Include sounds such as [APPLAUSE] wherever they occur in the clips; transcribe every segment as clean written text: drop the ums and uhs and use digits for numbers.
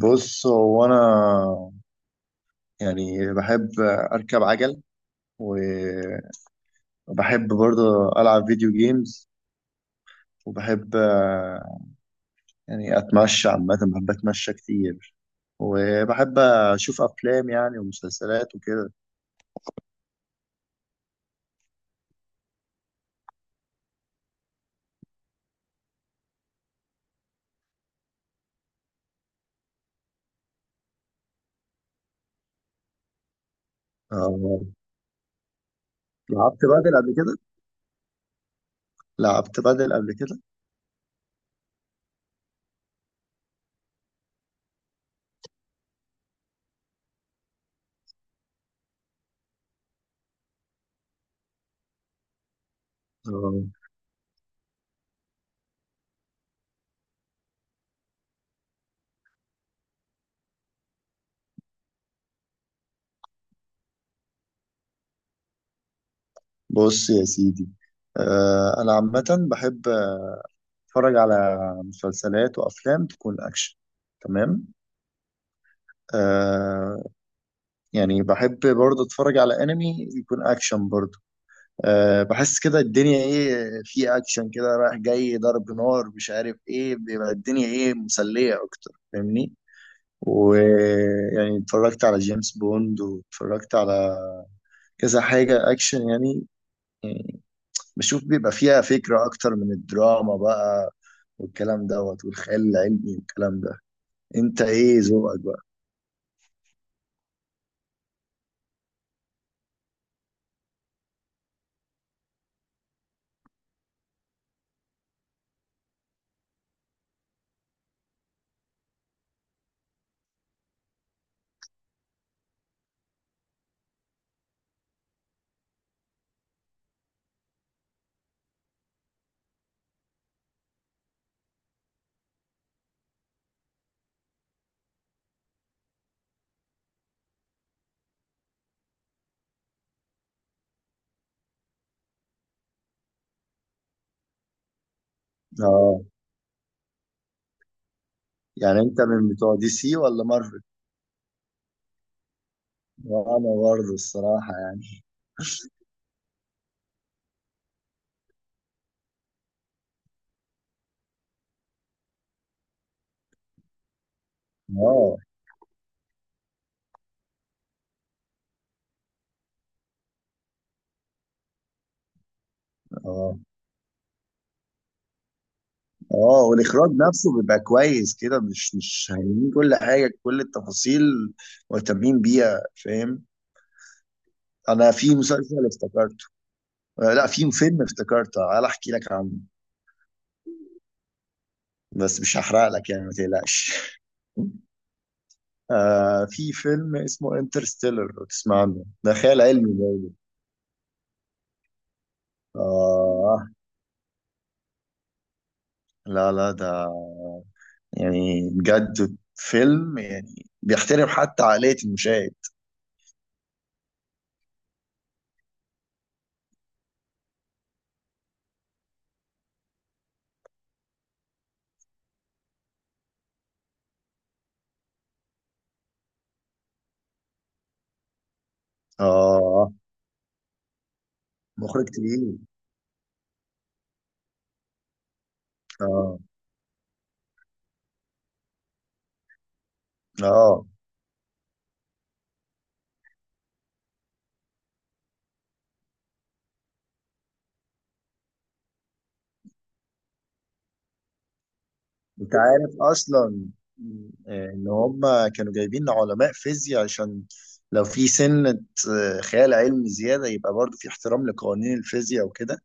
بص هو انا، يعني بحب اركب عجل، وبحب برضه العب فيديو جيمز، وبحب، يعني اتمشى. عامه بحب اتمشى كتير، وبحب اشوف افلام يعني ومسلسلات وكده. آه، لعبت بدل قبل كده؟ لعبت بدل قبل كده. آه، بص يا سيدي، انا عامه بحب اتفرج على مسلسلات وافلام تكون اكشن، تمام. آه، يعني بحب برضه اتفرج على انمي يكون اكشن برضه. أه، بحس كده الدنيا ايه في اكشن كده، رايح جاي ضرب نار مش عارف ايه، بيبقى الدنيا ايه مسلية اكتر، فاهمني؟ ويعني اتفرجت على جيمس بوند، واتفرجت على كذا حاجة اكشن يعني. يعني بشوف بيبقى فيها فكرة اكتر من الدراما بقى، والكلام دوت والخيال العلمي والكلام ده. انت ايه ذوقك بقى؟ اه، يعني انت من بتوع دي سي ولا مارفل؟ وانا برضه الصراحة يعني. اه، اه، اه، والاخراج نفسه بيبقى كويس كده، مش هايلين كل حاجة، كل التفاصيل مهتمين بيها، فاهم؟ انا في مسلسل افتكرته. لا في فيلم افتكرته، تعال احكي لك عنه. بس مش هحرق لك يعني، ما تقلقش. [LAUGHS] آه، في فيلم اسمه انترستيلر، لو تسمع عنه، ده خيال علمي ده. اه، لا لا ده يعني بجد فيلم، يعني بيحترم حتى عقلية المشاهد. اه، مخرج تقيل. اه، اه، انت عارف اصلا ان هم كانوا جايبين علماء فيزياء، عشان لو في سنة خيال علمي زيادة، يبقى برضو في احترام لقوانين الفيزياء وكده.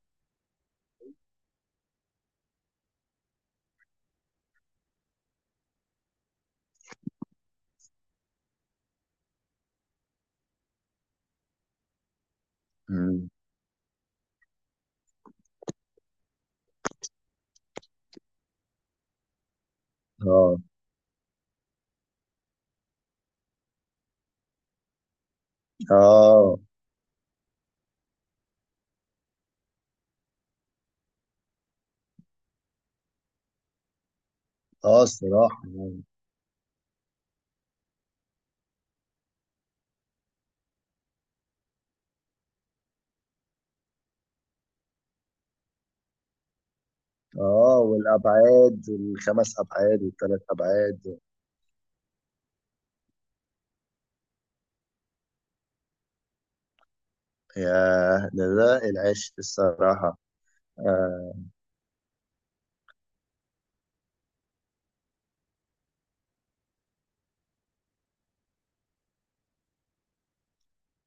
مم. اه، اه، اه، الصراحة يعني. اه، والابعاد الخمس ابعاد والثلاث ابعاد. يا ده العشق الصراحة. آه.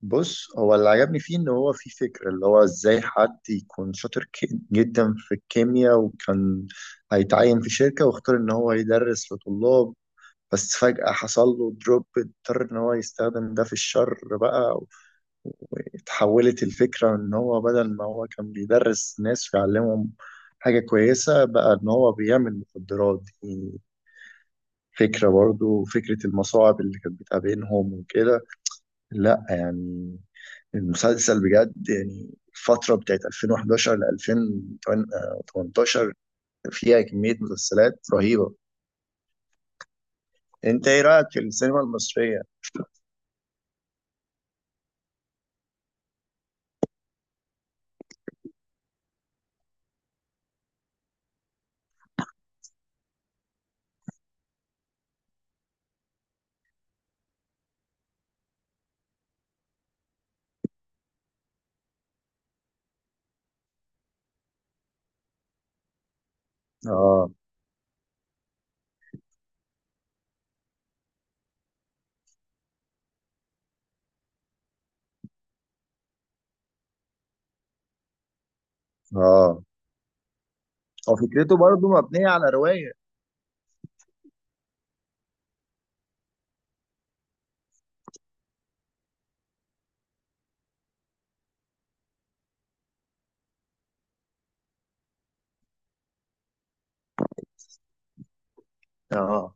بص هو اللي عجبني فيه ان هو في فكرة، اللي هو ازاي حد يكون شاطر جدا في الكيمياء، وكان هيتعين في شركة، واختار ان هو يدرس لطلاب، بس فجأة حصل له دروب، اضطر ان هو يستخدم ده في الشر بقى. اتحولت الفكرة ان هو بدل ما هو كان بيدرس ناس ويعلمهم حاجة كويسة، بقى ان هو بيعمل مخدرات دي. فكرة برضو فكرة المصاعب اللي كانت بتقابلهم وكده. لا يعني، المسلسل بجد يعني، الفترة بتاعت 2011 ل 2018 فيها كمية مسلسلات رهيبة. انت ايه رأيك في السينما المصرية؟ اه. اه، هو فكرته برضه مبنية على رواية. اه،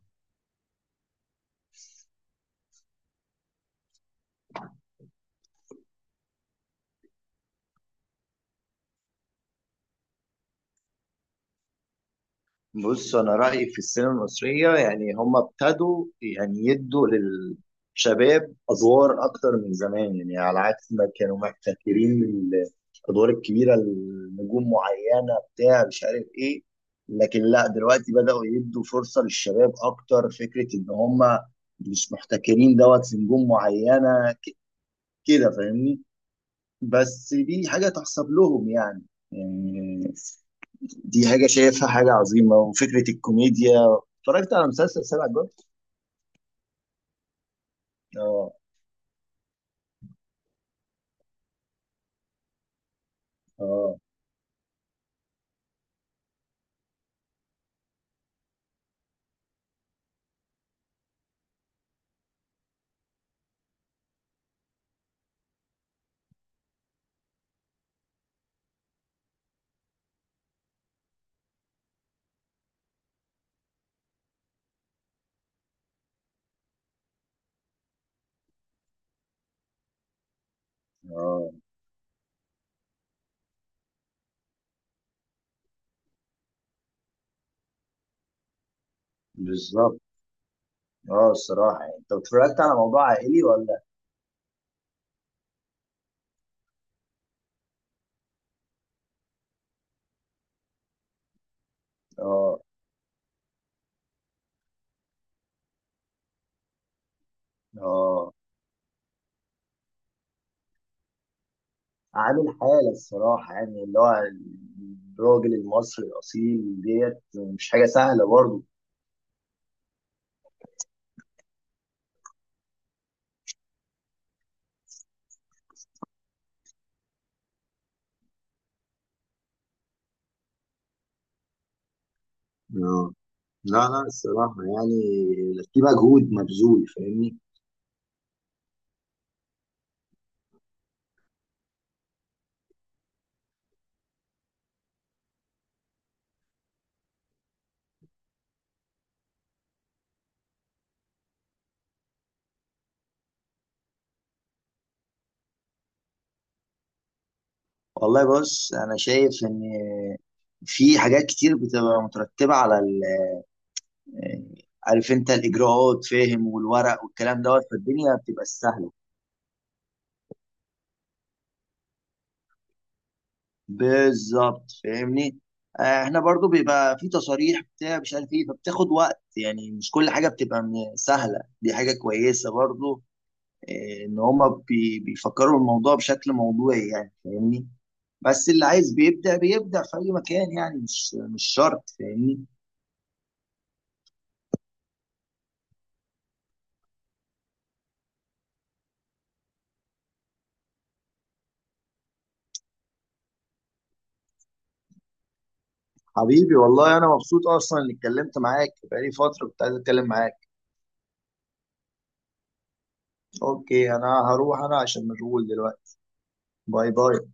بص انا رايي في السينما المصريه، يعني هم ابتدوا يعني يدوا للشباب ادوار اكتر من زمان، يعني على عكس ما كانوا محتكرين الادوار الكبيره لنجوم معينه بتاع مش عارف ايه. لكن لا دلوقتي بداوا يدوا فرصه للشباب اكتر، فكره ان هم مش محتكرين دوت في نجوم معينه كده، فاهمني؟ بس دي حاجة تحسب لهم يعني، يعني دي حاجة شايفها حاجة عظيمة. وفكرة الكوميديا، اتفرجت على مسلسل سبع جوت؟ اه. اه. اه، بالظبط. اه الصراحة يعني، انت اتفرجت على موضوع عائلي ولا؟ اه. اه، عامل حالة الصراحة يعني، اللي هو الراجل المصري الأصيل ديت، مش حاجة سهلة برضه. اه، لا لا الصراحة يعني، في مجهود مبذول، فاهمني؟ والله بص انا شايف ان في حاجات كتير بتبقى مترتبه على ال... عارف انت الاجراءات فاهم، والورق والكلام دوت، فالدنيا بتبقى سهله. بالظبط فاهمني. احنا برضو بيبقى في تصاريح بتاع مش عارف ايه، فبتاخد وقت يعني، مش كل حاجه بتبقى سهله، دي حاجه كويسه برضو. ان هما بيفكروا الموضوع بشكل موضوعي يعني، فاهمني؟ بس اللي عايز بيبدأ بيبدأ في اي مكان يعني، مش شرط، فاهمني؟ حبيبي والله انا مبسوط اصلا اني اتكلمت معاك، بقالي فتره كنت عايز اتكلم معاك. اوكي انا هروح انا عشان مشغول دلوقتي. باي باي.